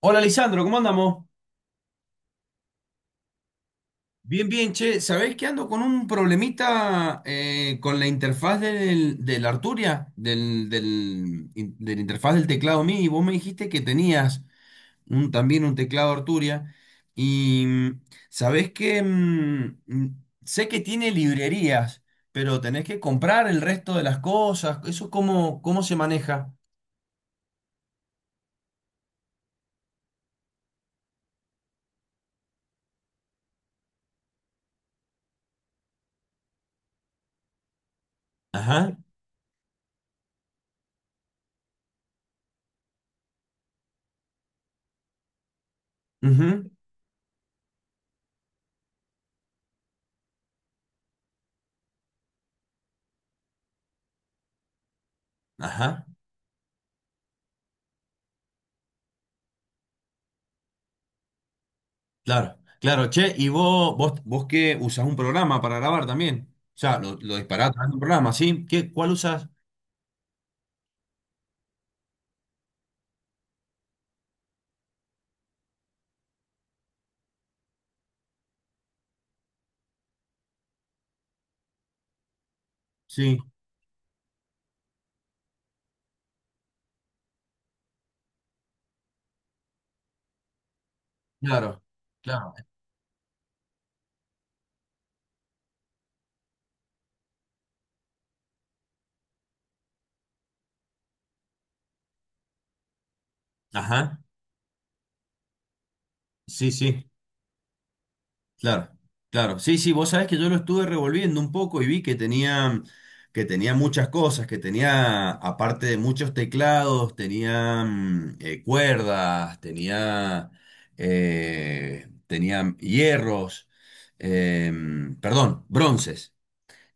Hola, Lisandro, ¿cómo andamos? Bien, bien, che. ¿Sabéis que ando con un problemita con la interfaz del Arturia, de la interfaz del teclado MIDI? Vos me dijiste que tenías un, también un teclado Arturia y sabés que sé que tiene librerías, pero tenés que comprar el resto de las cosas. ¿Eso cómo se maneja? Ajá, ujú, ajá. Claro, claro, che, y vos que usás un programa para grabar también. O sea, lo disparás a través de un programa, ¿sí? ¿ cuál usás? Sí, claro, claro. Ajá, sí, sí, claro, claro. Sí, sí, vos sabés que yo lo estuve revolviendo un poco y vi que tenía muchas cosas, que tenía, aparte de muchos teclados, tenía cuerdas, tenía hierros, perdón, bronces.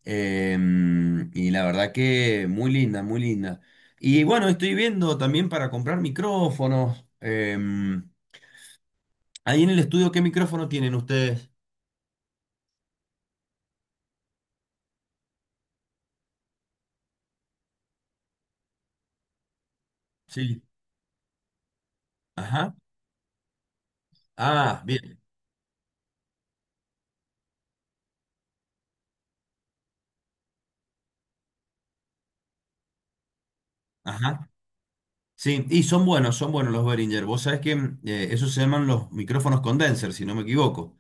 Y la verdad que muy linda, muy linda. Y bueno, estoy viendo también para comprar micrófonos. Ahí en el estudio, ¿qué micrófono tienen ustedes? Sí. Ajá. Ah, bien. Ajá. Sí, y son buenos los Behringer. Vos sabés que esos se llaman los micrófonos condenser, si no me equivoco.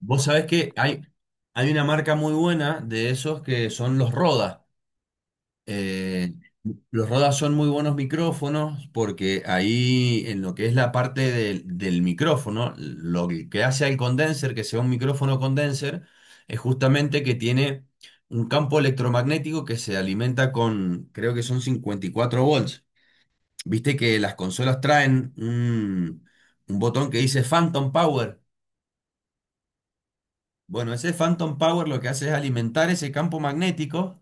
Vos sabés que hay una marca muy buena de esos que son los Roda. Eh, Los Rodas son muy buenos micrófonos porque ahí en lo que es la parte del micrófono, lo que hace al condenser, que sea un micrófono condenser, es justamente que tiene un campo electromagnético que se alimenta con, creo que son 54 volts. Viste que las consolas traen un botón que dice Phantom Power. Bueno, ese Phantom Power lo que hace es alimentar ese campo magnético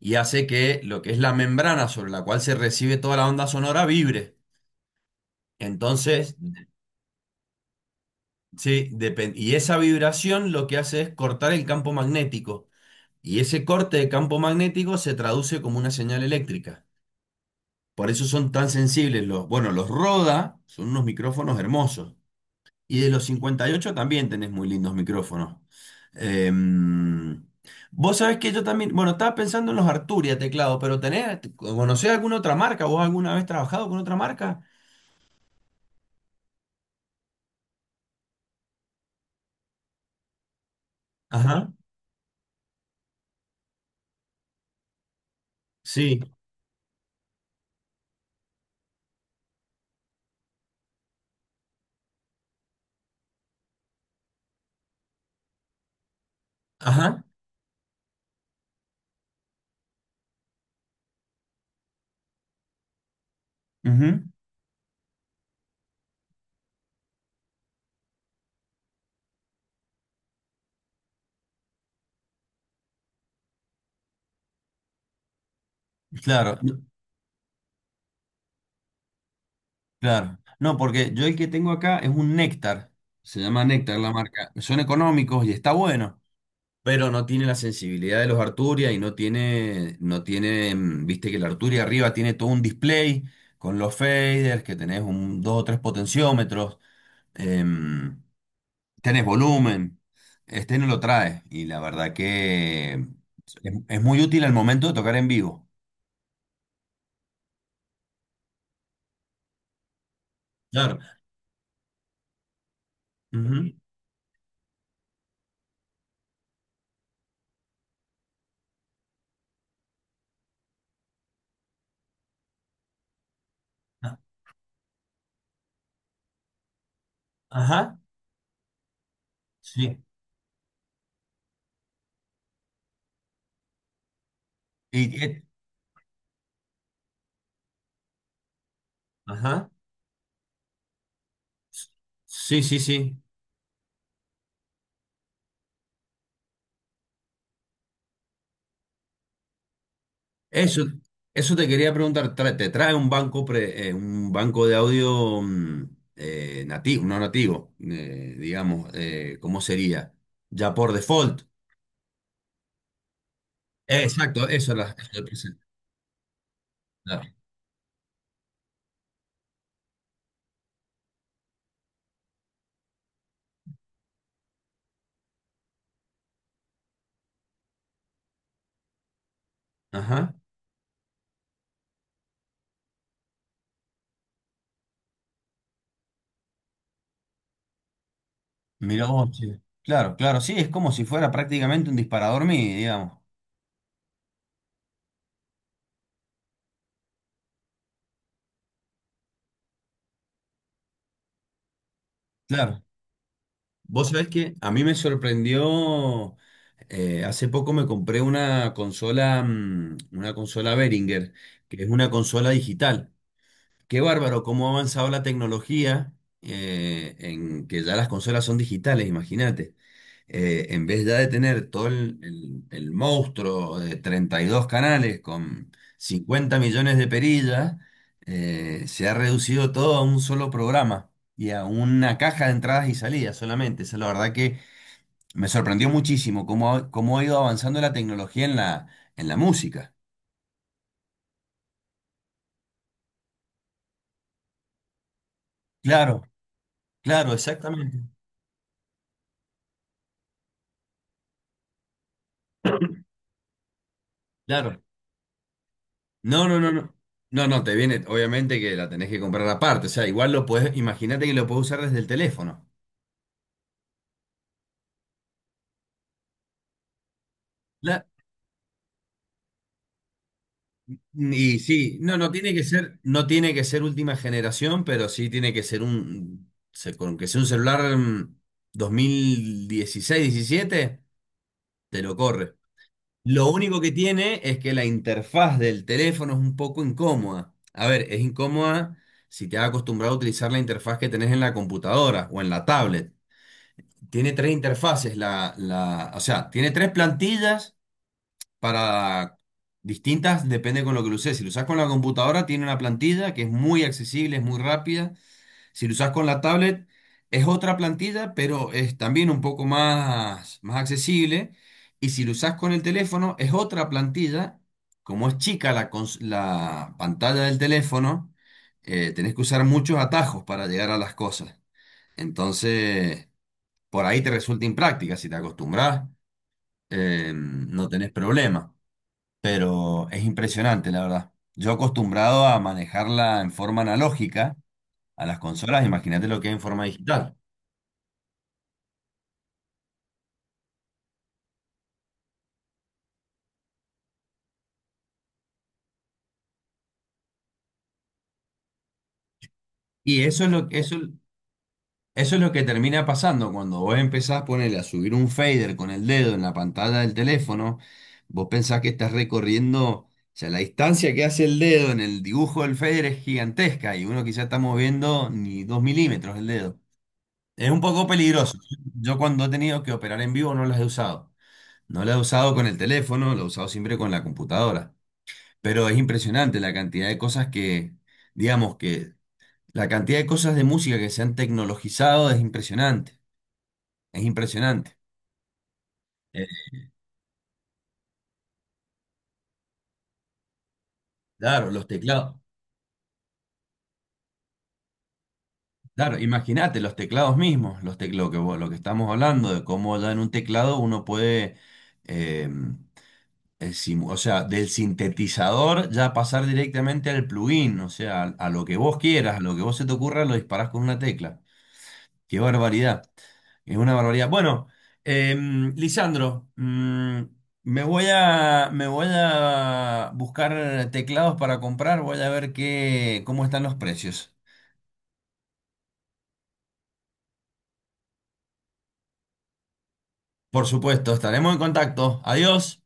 y hace que lo que es la membrana sobre la cual se recibe toda la onda sonora vibre. Entonces, sí, y esa vibración lo que hace es cortar el campo magnético. Y ese corte de campo magnético se traduce como una señal eléctrica. Por eso son tan sensibles los, bueno, los Roda son unos micrófonos hermosos. Y de los 58 también tenés muy lindos micrófonos. Em, vos sabés que yo también, bueno, estaba pensando en los Arturia teclado, pero ¿conocés alguna otra marca? ¿Vos alguna vez trabajado con otra marca? Ajá, sí, ajá, ujú, claro. Claro. No, porque yo el que tengo acá es un néctar. Se llama Néctar la marca. Son económicos y está bueno, pero no tiene la sensibilidad de los Arturia y no tiene, viste que el Arturia arriba tiene todo un display con los faders, que tenés un, dos o tres potenciómetros, em, tenés volumen. Este no lo trae y la verdad que es muy útil al momento de tocar en vivo. Claro. Ujú. Ah, ajá. Sí. Y, ajá. Sí, sí, sí. Eso, eso te quería preguntar. ¿Te trae un banco de audio nativo, no nativo, digamos, ¿cómo sería? Ya por default. Exacto, Eso es lo que claro. Ajá. Mira vos, sí. Claro, claro, sí, es como si fuera prácticamente un disparador MIDI, digamos. Claro. Vos sabés que a mí me sorprendió, hace poco me compré una consola, una consola Behringer, que es una consola digital. Qué bárbaro cómo ha avanzado la tecnología, en que ya las consolas son digitales, imagínate en vez ya de tener todo el monstruo de 32 canales con 50 millones de perillas, se ha reducido todo a un solo programa y a una caja de entradas y salidas solamente. Esa es la verdad que me sorprendió muchísimo cómo ha ido avanzando la tecnología en la música. Claro, claro, exactamente. Claro. No, no, no, no. No, no, te viene, obviamente que la tenés que comprar aparte. O sea, igual imagínate que lo podés usar desde el teléfono. Y sí, no, no tiene que ser última generación, pero sí tiene que ser con que sea un celular 2016, 17, te lo corre. Lo único que tiene es que la interfaz del teléfono es un poco incómoda. A ver, es incómoda si te has acostumbrado a utilizar la interfaz que tenés en la computadora o en la tablet. Tiene tres interfaces, o sea, tiene tres plantillas para distintas, depende con lo que lo uses. Si lo usas con la computadora, tiene una plantilla que es muy accesible, es muy rápida. Si lo usas con la tablet, es otra plantilla, pero es también un poco más, más accesible. Y si lo usas con el teléfono, es otra plantilla. Como es chica la pantalla del teléfono, tenés que usar muchos atajos para llegar a las cosas. Entonces, por ahí te resulta impráctica. Si te acostumbras, no tenés problema, pero es impresionante, la verdad. Yo acostumbrado a manejarla en forma analógica a las consolas, imagínate lo que es en forma digital. Y eso es lo que termina pasando cuando vos empezás ponerle a subir un fader con el dedo en la pantalla del teléfono. Vos pensás que estás recorriendo, o sea, la distancia que hace el dedo en el dibujo del fader es gigantesca y uno quizás está moviendo ni 2 milímetros el dedo. Es un poco peligroso. Yo cuando he tenido que operar en vivo no las he usado. No la he usado con el teléfono, la he usado siempre con la computadora. Pero es impresionante la cantidad de cosas que, digamos que la cantidad de cosas de música que se han tecnologizado es impresionante. Es impresionante. Eh, claro, los teclados. Claro, imagínate los teclados mismos, los teclados que lo que estamos hablando de cómo ya en un teclado uno puede, eh, o sea, del sintetizador ya pasar directamente al plugin, o sea, a lo que vos quieras, a lo que vos se te ocurra, lo disparás con una tecla. Qué barbaridad. Es una barbaridad. Bueno, Lisandro, me voy a buscar teclados para comprar. Voy a ver cómo están los precios. Por supuesto, estaremos en contacto. Adiós.